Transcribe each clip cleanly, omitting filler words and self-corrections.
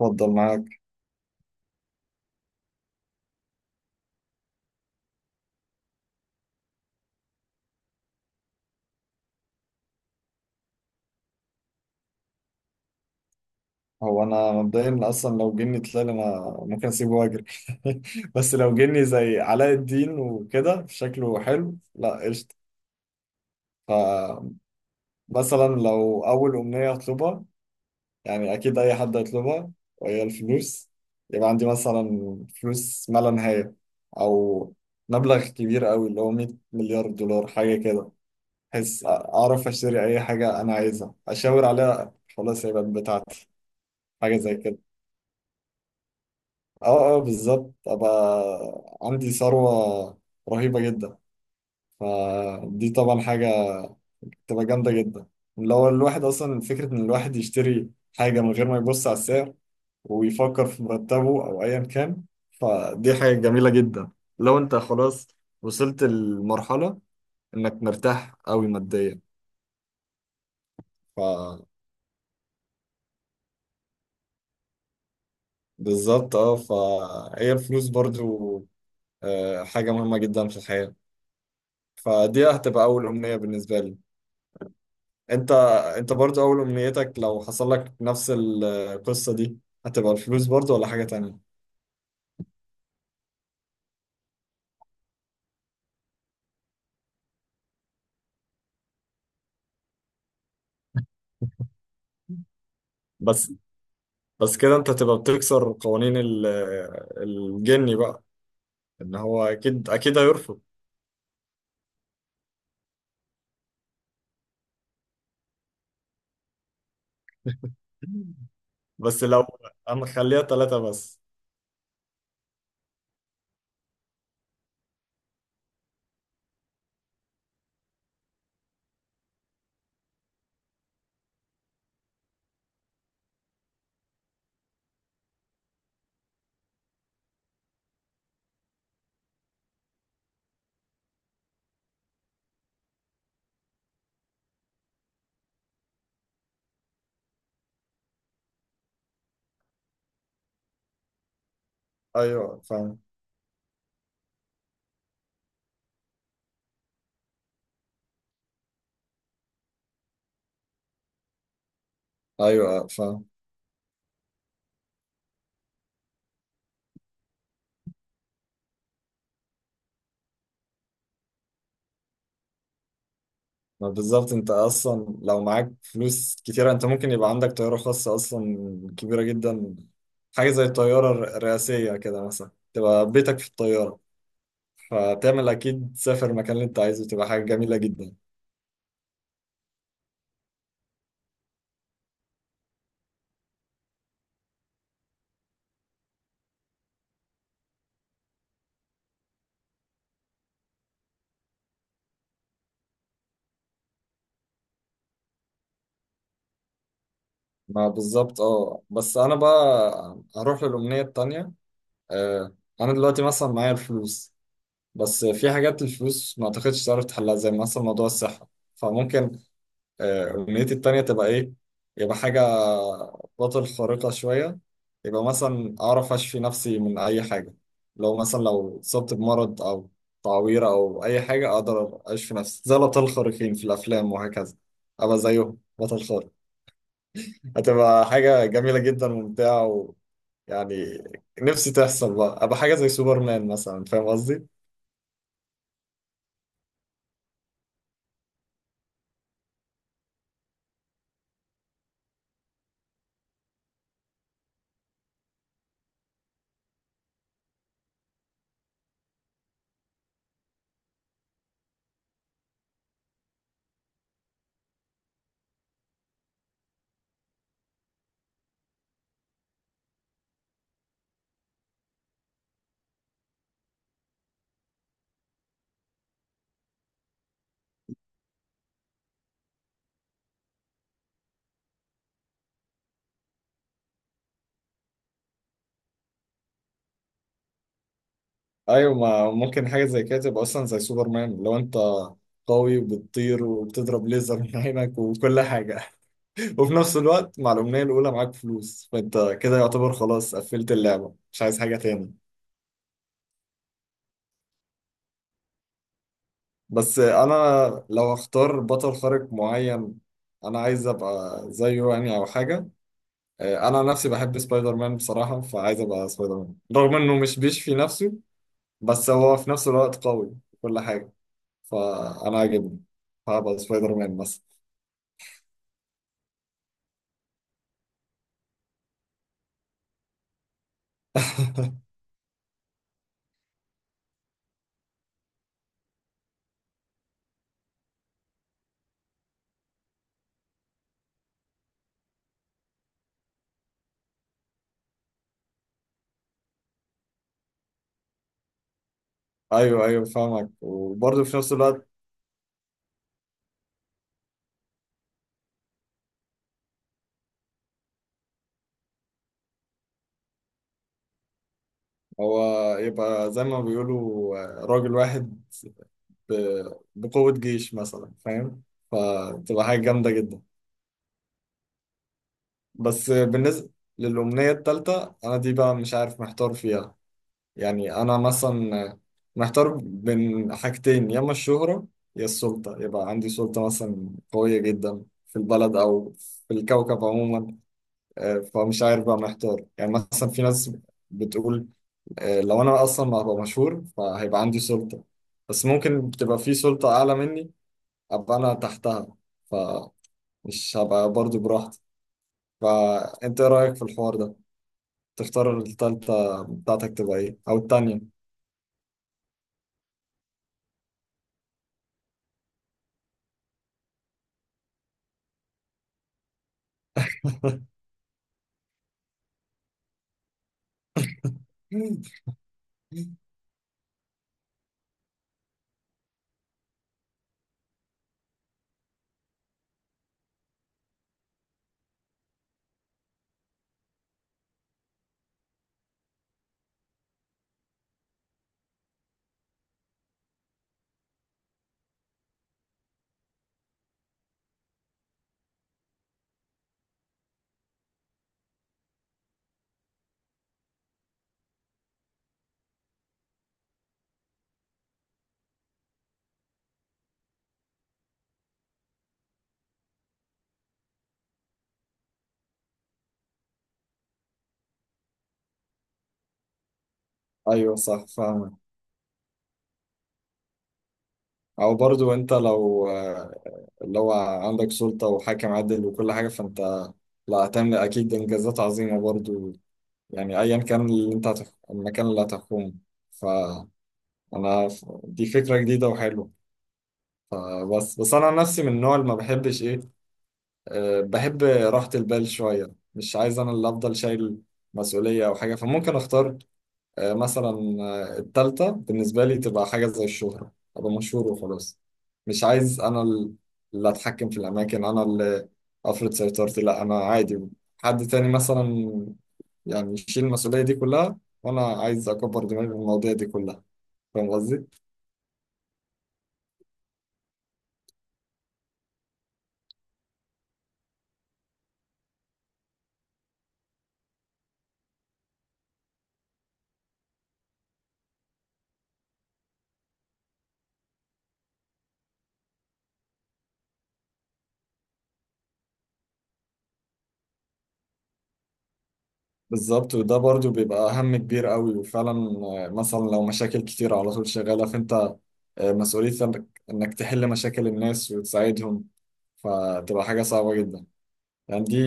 اتفضل معاك. هو انا مبدئيا اصلا لو جني طلال انا ممكن اسيبه واجري. بس لو جني زي علاء الدين وكده شكله حلو، لا قشطه. فمثلا لو اول امنيه اطلبها، يعني اكيد اي حد هيطلبها، وهي الفلوس. يبقى عندي مثلا فلوس ما لا نهايه، او مبلغ كبير قوي اللي هو 100 مليار دولار حاجه كده، بحيث اعرف اشتري اي حاجه انا عايزها، اشاور عليها خلاص هيبقى بتاعتي. حاجه زي كده. اه اه، بالظبط، ابقى عندي ثروة رهيبة جدا. فدي طبعا حاجة تبقى جامدة جدا، اللي هو الواحد اصلا فكرة ان الواحد يشتري حاجة من غير ما يبص على السعر ويفكر في مرتبه او ايا كان. فدي حاجة جميلة جدا، لو انت خلاص وصلت لمرحلة انك مرتاح قوي ماديا. فبالظبط، فهي الفلوس برضو، حاجة مهمة جدا في الحياة. فدي هتبقى أول أمنية بالنسبة لي. انت انت برضو اول امنيتك لو حصل لك نفس القصة دي، هتبقى الفلوس برضو ولا حاجة تانية؟ بس بس كده انت تبقى بتكسر قوانين الجني بقى، ان هو اكيد اكيد هيرفض. بس لو انا خليها 3 بس. ايوه فاهم. ايوه فاهم. ما بالظبط، انت اصلا لو معاك فلوس كتيرة انت ممكن يبقى عندك طيارة خاصة اصلا، كبيرة جدا. حاجة زي الطيارة الرئاسية كده مثلا، تبقى بيتك في الطيارة، فبتعمل اكيد تسافر المكان اللي انت عايزه، تبقى حاجه جميله جدا. ما بالظبط. اه بس انا بقى هروح للامنيه التانيه. آه انا دلوقتي مثلا معايا الفلوس، بس في حاجات الفلوس ما اعتقدش تعرف تحلها، زي مثلا موضوع الصحه. فممكن أمنيتي التانية تبقى إيه؟ يبقى حاجة بطل خارقة شوية، يبقى مثلا أعرف أشفي نفسي من أي حاجة، لو مثلا اتصبت بمرض أو تعويرة أو أي حاجة، أقدر أشفي نفسي زي الأبطال الخارقين في الأفلام وهكذا. أبقى زيهم بطل خارق، هتبقى حاجة جميلة جدا وممتعة. ويعني نفسي تحصل بقى، أبقى حاجة زي سوبرمان مثلا. فاهم قصدي؟ ايوه، ما ممكن حاجه زي كده تبقى اصلا زي سوبرمان، لو انت قوي وبتطير وبتضرب ليزر من عينك وكل حاجه. وفي نفس الوقت مع الامنيه الاولى معاك فلوس، فانت كده يعتبر خلاص قفلت اللعبه، مش عايز حاجه تاني. بس انا لو اختار بطل خارق معين، انا عايز ابقى زيه يعني او حاجه. انا نفسي بحب سبايدر مان بصراحه، فعايز ابقى سبايدر مان رغم انه مش بيشفي نفسه، بس هو في نفس الوقت قوي في كل حاجه، فانا عاجبني. هبقى سبايدر مان مثلا. ايوه ايوه، فاهمك. وبرضه في نفس الوقت هو يبقى زي ما بيقولوا راجل واحد بقوة جيش مثلا، فاهم؟ فتبقى حاجة جامدة جدا. بس بالنسبة للأمنية التالتة أنا دي بقى مش عارف، محتار فيها. يعني أنا مثلا محتار بين حاجتين، يا إما الشهرة يا السلطة. يبقى عندي سلطة مثلا قوية جدا في البلد، أو في الكوكب عموما. فمش عارف بقى، محتار. يعني مثلا في ناس بتقول لو انا اصلا ما هبقى مشهور فهيبقى عندي سلطة، بس ممكن تبقى في سلطة اعلى مني، ابقى انا تحتها، فمش هبقى برضو براحتي. فانت ايه رأيك في الحوار ده؟ تختار التالتة بتاعتك تبقى ايه، او التانية؟ ايوه صح، فاهمك. او برضو انت لو عندك سلطة وحاكم عادل وكل حاجة، فانت لا هتعمل اكيد انجازات عظيمة برضو، يعني ايا كان اللي انت المكان اللي هتحكمه. انا دي فكرة جديدة وحلوة. فبس انا عن نفسي من النوع اللي ما بحبش ايه، بحب راحة البال شوية، مش عايز انا اللي افضل شايل مسؤولية او حاجة. فممكن اختار مثلا التالتة بالنسبة لي تبقى حاجة زي الشهرة، ابقى مشهور وخلاص. مش عايز انا اللي اتحكم في الاماكن، انا اللي افرض سيطرتي، لا انا عادي، حد تاني مثلا يعني يشيل المسؤولية دي كلها، وانا عايز اكبر دماغي من المواضيع دي كلها. فاهم قصدي؟ بالظبط، وده برضو بيبقى هم كبير قوي وفعلا، مثلا لو مشاكل كتير على طول شغالة، فانت مسؤوليتك انك إنك تحل مشاكل الناس وتساعدهم، فتبقى حاجة صعبة جدا. يعني دي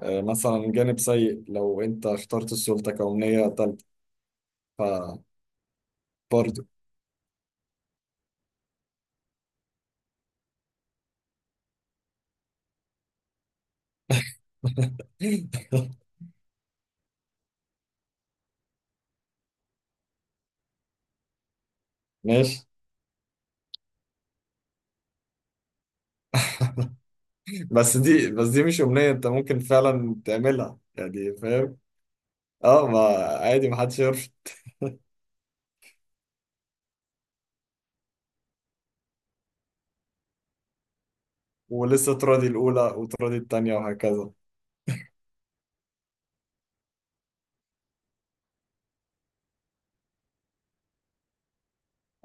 مثلا جانب سيء لو انت اخترت السلطة كأمنية تالتة فبرضو. ماشي. بس دي مش أمنية انت ممكن فعلا تعملها، يعني فاهم؟ اه، ما عادي، محدش يعرف. ولسه تراضي الأولى وتراضي التانية وهكذا.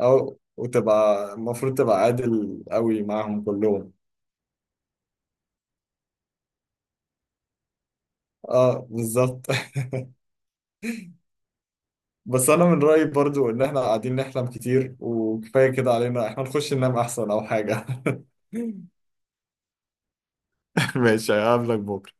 او وتبقى المفروض تبقى عادل قوي معاهم كلهم. اه بالظبط. بس انا من رأيي برضو ان احنا قاعدين نحلم كتير، وكفاية كده علينا، احنا نخش ننام احسن او حاجة. ماشي، هقابلك بكرة.